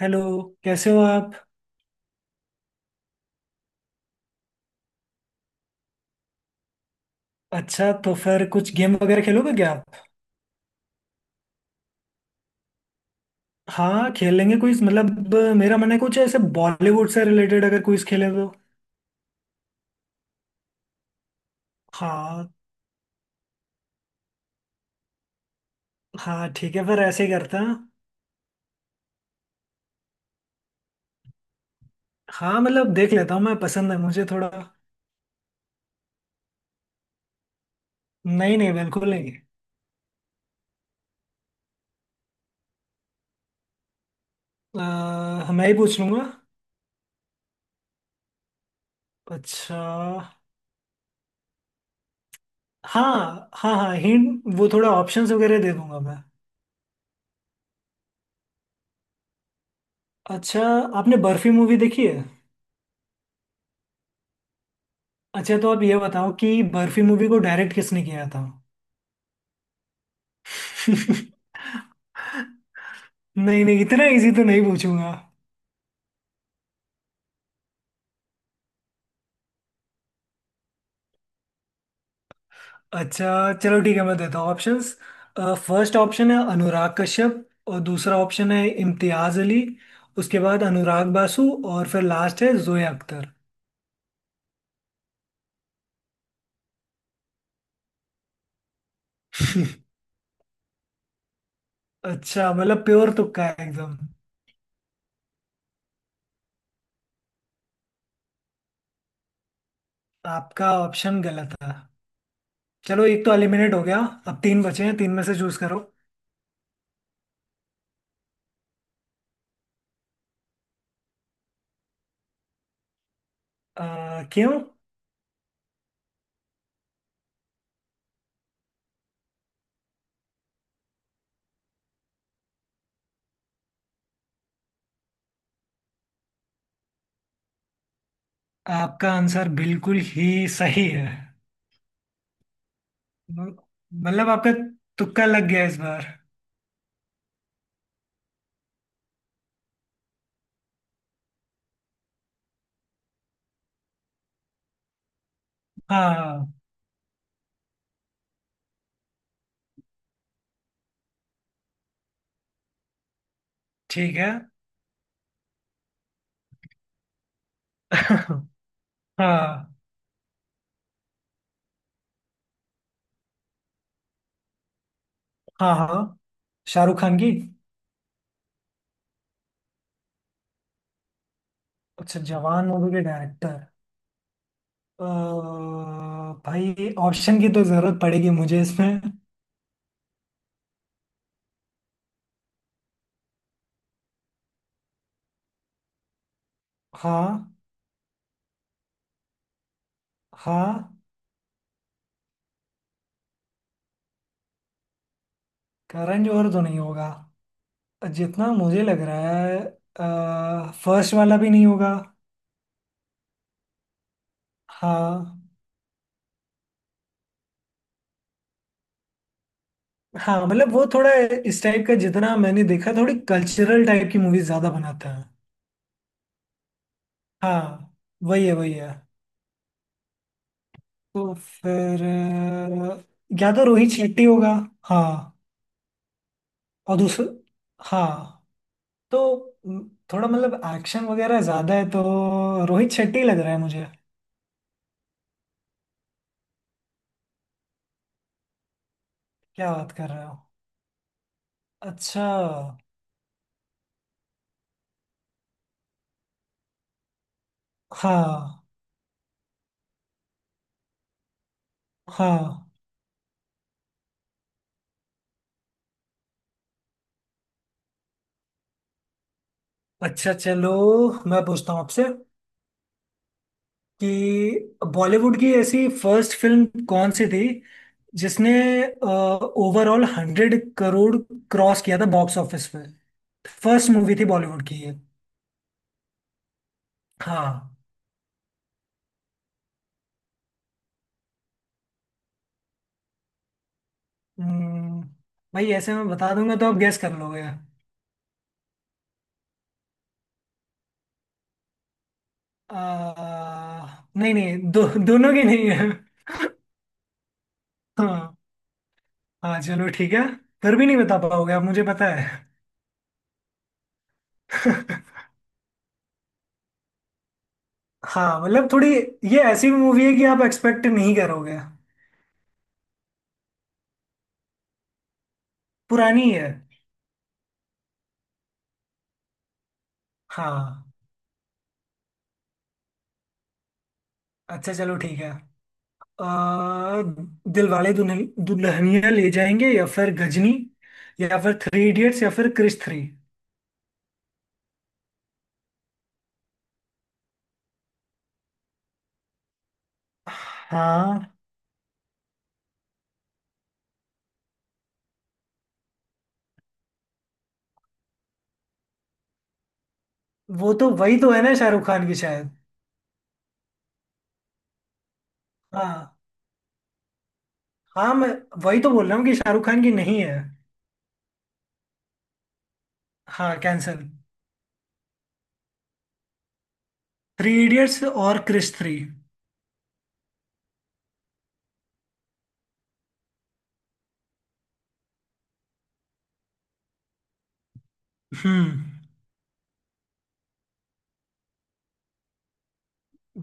Hello. कैसे हो आप। अच्छा, तो फिर कुछ गेम वगैरह खेलोगे क्या आप। हाँ, खेलेंगे कुछ। मेरा मन है कुछ ऐसे बॉलीवुड से रिलेटेड अगर कुछ खेले तो। हाँ, हाँ ठीक है, फिर ऐसे ही करते हैं। हाँ मतलब, देख लेता हूँ मैं, पसंद है मुझे थोड़ा। नहीं नहीं, बिल्कुल नहीं। मैं ही पूछ लूंगा। अच्छा। हाँ हाँ हाँ, हिंट वो थोड़ा ऑप्शंस वगैरह दे दूंगा मैं। अच्छा। आपने बर्फी मूवी देखी है। अच्छा, तो आप ये बताओ कि बर्फी मूवी को डायरेक्ट किसने किया था। नहीं। नहीं इतना इजी तो नहीं पूछूंगा। अच्छा चलो ठीक है, मैं देता हूँ ऑप्शंस। फर्स्ट ऑप्शन है अनुराग कश्यप और दूसरा ऑप्शन है इम्तियाज अली। उसके बाद अनुराग बासु। और फिर लास्ट है जोया अख्तर। अच्छा मतलब प्योर तुक्का है एकदम। आपका ऑप्शन गलत था। चलो एक तो एलिमिनेट हो गया। अब तीन बचे हैं, तीन में से चूज करो। अ, क्यों। आपका आंसर बिल्कुल ही सही है। म- मतलब आपका तुक्का लग गया इस बार। हाँ, हाँ। ठीक है। हाँ हाँ हाँ। शाहरुख खान की। अच्छा, जवान मूवी के डायरेक्टर। अ, भाई ऑप्शन की तो जरूरत पड़ेगी मुझे इसमें। हाँ। हाँ। करण जौहर तो नहीं होगा। जितना मुझे लग रहा है। फर्स्ट वाला भी नहीं होगा। हाँ। हाँ मतलब वो थोड़ा इस टाइप का, जितना मैंने देखा थोड़ी कल्चरल टाइप की मूवीज ज्यादा बनाता है। हाँ। वही है वही है। तो फिर या तो रोहित शेट्टी होगा। हाँ। और दूसरा। हाँ तो थोड़ा मतलब एक्शन वगैरह ज्यादा है, तो रोहित शेट्टी लग रहा है मुझे। क्या बात कर रहे हो। अच्छा। हाँ। हाँ। अच्छा चलो, मैं पूछता हूँ आपसे कि बॉलीवुड की ऐसी फर्स्ट फिल्म कौन सी थी जिसने ओवरऑल हंड्रेड करोड़ क्रॉस किया था बॉक्स ऑफिस पे। फर्स्ट मूवी थी बॉलीवुड की ये। हाँ। हम्म। भाई ऐसे मैं बता दूंगा तो आप गैस कर लोगे। नहीं नहीं, दो, दोनों की नहीं है। हाँ। हाँ चलो ठीक है। फिर भी नहीं बता पाओगे आप, मुझे पता है। हाँ मतलब थोड़ी, ये ऐसी मूवी है कि आप एक्सपेक्ट नहीं करोगे। पुरानी है। हाँ। अच्छा चलो ठीक है। आ, दिलवाले दुल्हन दुल्हनिया ले जाएंगे, या फिर गजनी, या फिर थ्री इडियट्स, या फिर क्रिश थ्री। हाँ वो तो वही तो है ना, शाहरुख खान की शायद। हाँ। हाँ मैं वही तो बोल रहा हूँ कि शाहरुख खान की नहीं है। हाँ कैंसल। थ्री इडियट्स और क्रिश थ्री। हम्म।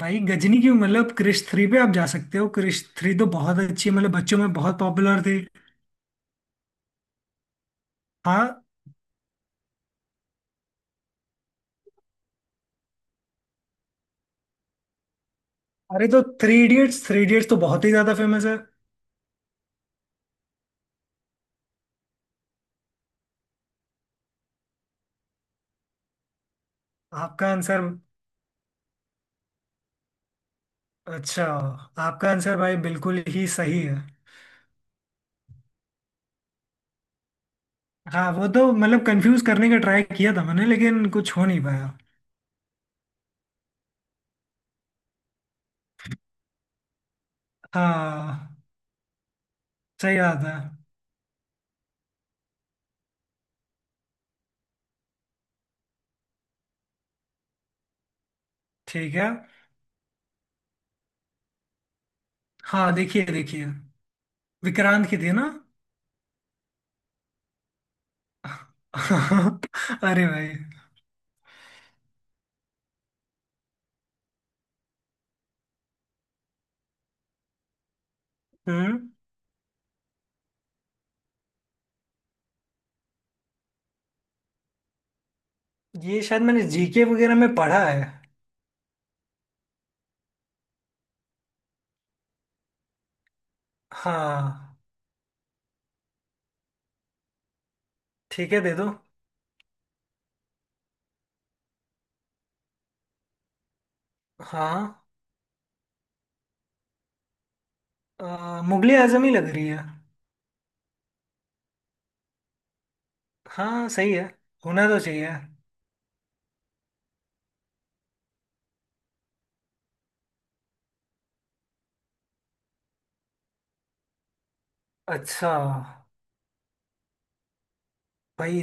भाई गजनी की मतलब, क्रिश थ्री पे आप जा सकते हो, क्रिश थ्री तो बहुत अच्छी है, मतलब बच्चों में बहुत पॉपुलर थी। हाँ। अरे तो थ्री इडियट्स, थ्री इडियट्स तो बहुत ही ज्यादा फेमस है। आपका आंसर। अच्छा, आपका आंसर भाई बिल्कुल ही सही है। हाँ वो तो मतलब कंफ्यूज करने का ट्राई किया था मैंने, लेकिन कुछ हो नहीं पाया। हाँ। सही बात है। ठीक है। हाँ, देखिए देखिए। विक्रांत की थी ना। अरे भाई। हम्म। ये शायद मैंने जीके वगैरह में पढ़ा है। हाँ। ठीक है दे दो। हाँ। मुगले आजमी लग रही है। हाँ सही है। होना तो चाहिए। अच्छा। भाई,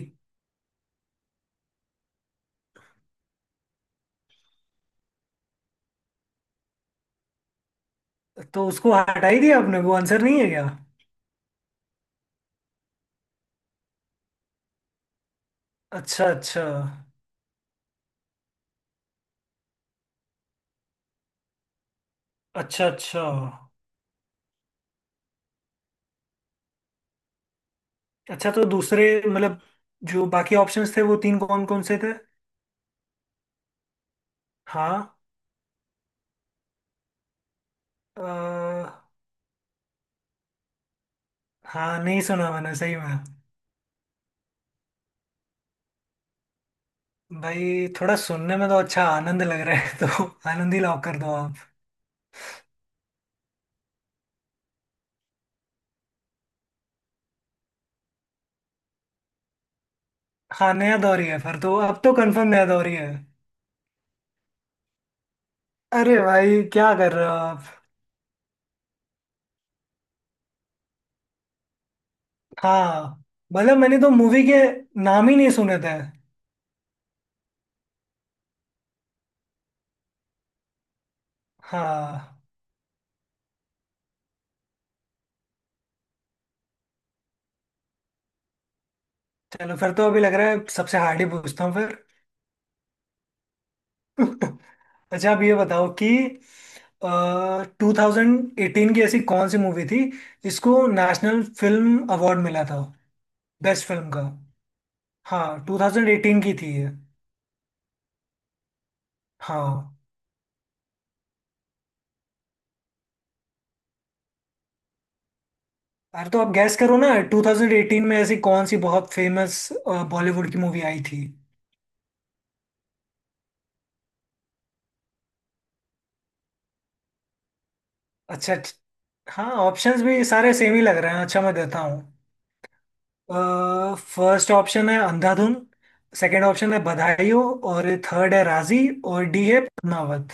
तो उसको हटा ही दिया आपने, वो आंसर नहीं है क्या। अच्छा अच्छा। अच्छा अच्छा। अच्छा, तो दूसरे मतलब जो बाकी ऑप्शंस थे वो तीन कौन कौन से थे। हाँ। अ, हाँ नहीं सुना मैंने सही में। भाई थोड़ा सुनने में तो अच्छा आनंद लग रहा है, तो आनंद ही लॉक कर दो आप। हाँ, नया दौर ही है फिर तो, अब तो कंफर्म नया दौर ही है। अरे भाई क्या कर रहे हो आप। हाँ मतलब मैंने तो मूवी के नाम ही नहीं सुने थे। हाँ चलो फिर, तो अभी लग रहा है सबसे हार्ड ही पूछता हूँ फिर। अच्छा, आप ये बताओ कि टू थाउजेंड एटीन की ऐसी कौन सी मूवी थी जिसको नेशनल फिल्म अवार्ड मिला था, बेस्ट फिल्म का। हाँ, 2018 की थी ये। हाँ यार तो आप गैस करो ना, 2018 में ऐसी कौन सी बहुत फेमस बॉलीवुड की मूवी आई थी। अच्छा हाँ ऑप्शंस भी सारे सेम ही लग रहे हैं, अच्छा मैं देता हूँ। फर्स्ट ऑप्शन है अंधाधुन। सेकंड ऑप्शन है बधाई हो। और थर्ड है राजी। और डी है पद्मावत।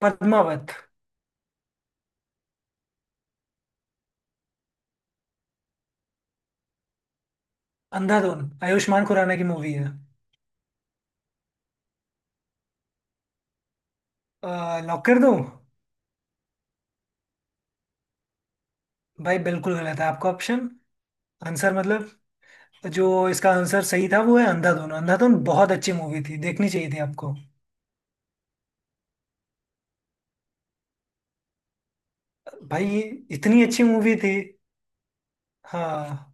पद्मावत। अंधाधुन। आयुष्मान खुराना की मूवी है। लॉक कर दूं। भाई बिल्कुल गलत है आपका ऑप्शन। आंसर मतलब, जो इसका आंसर सही था वो है अंधाधुन। अंधाधुन बहुत अच्छी मूवी थी, देखनी चाहिए थी आपको। भाई इतनी अच्छी मूवी थी। हाँ।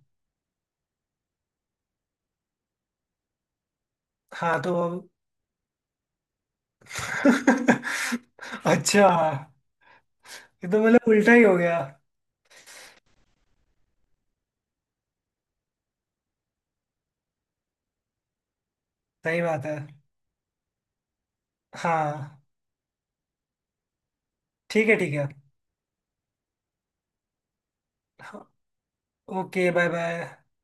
हाँ तो अब। अच्छा, ये तो मतलब उल्टा ही हो गया। सही बात है। हाँ ठीक है, ठीक है। हाँ, ओके बाय बाय।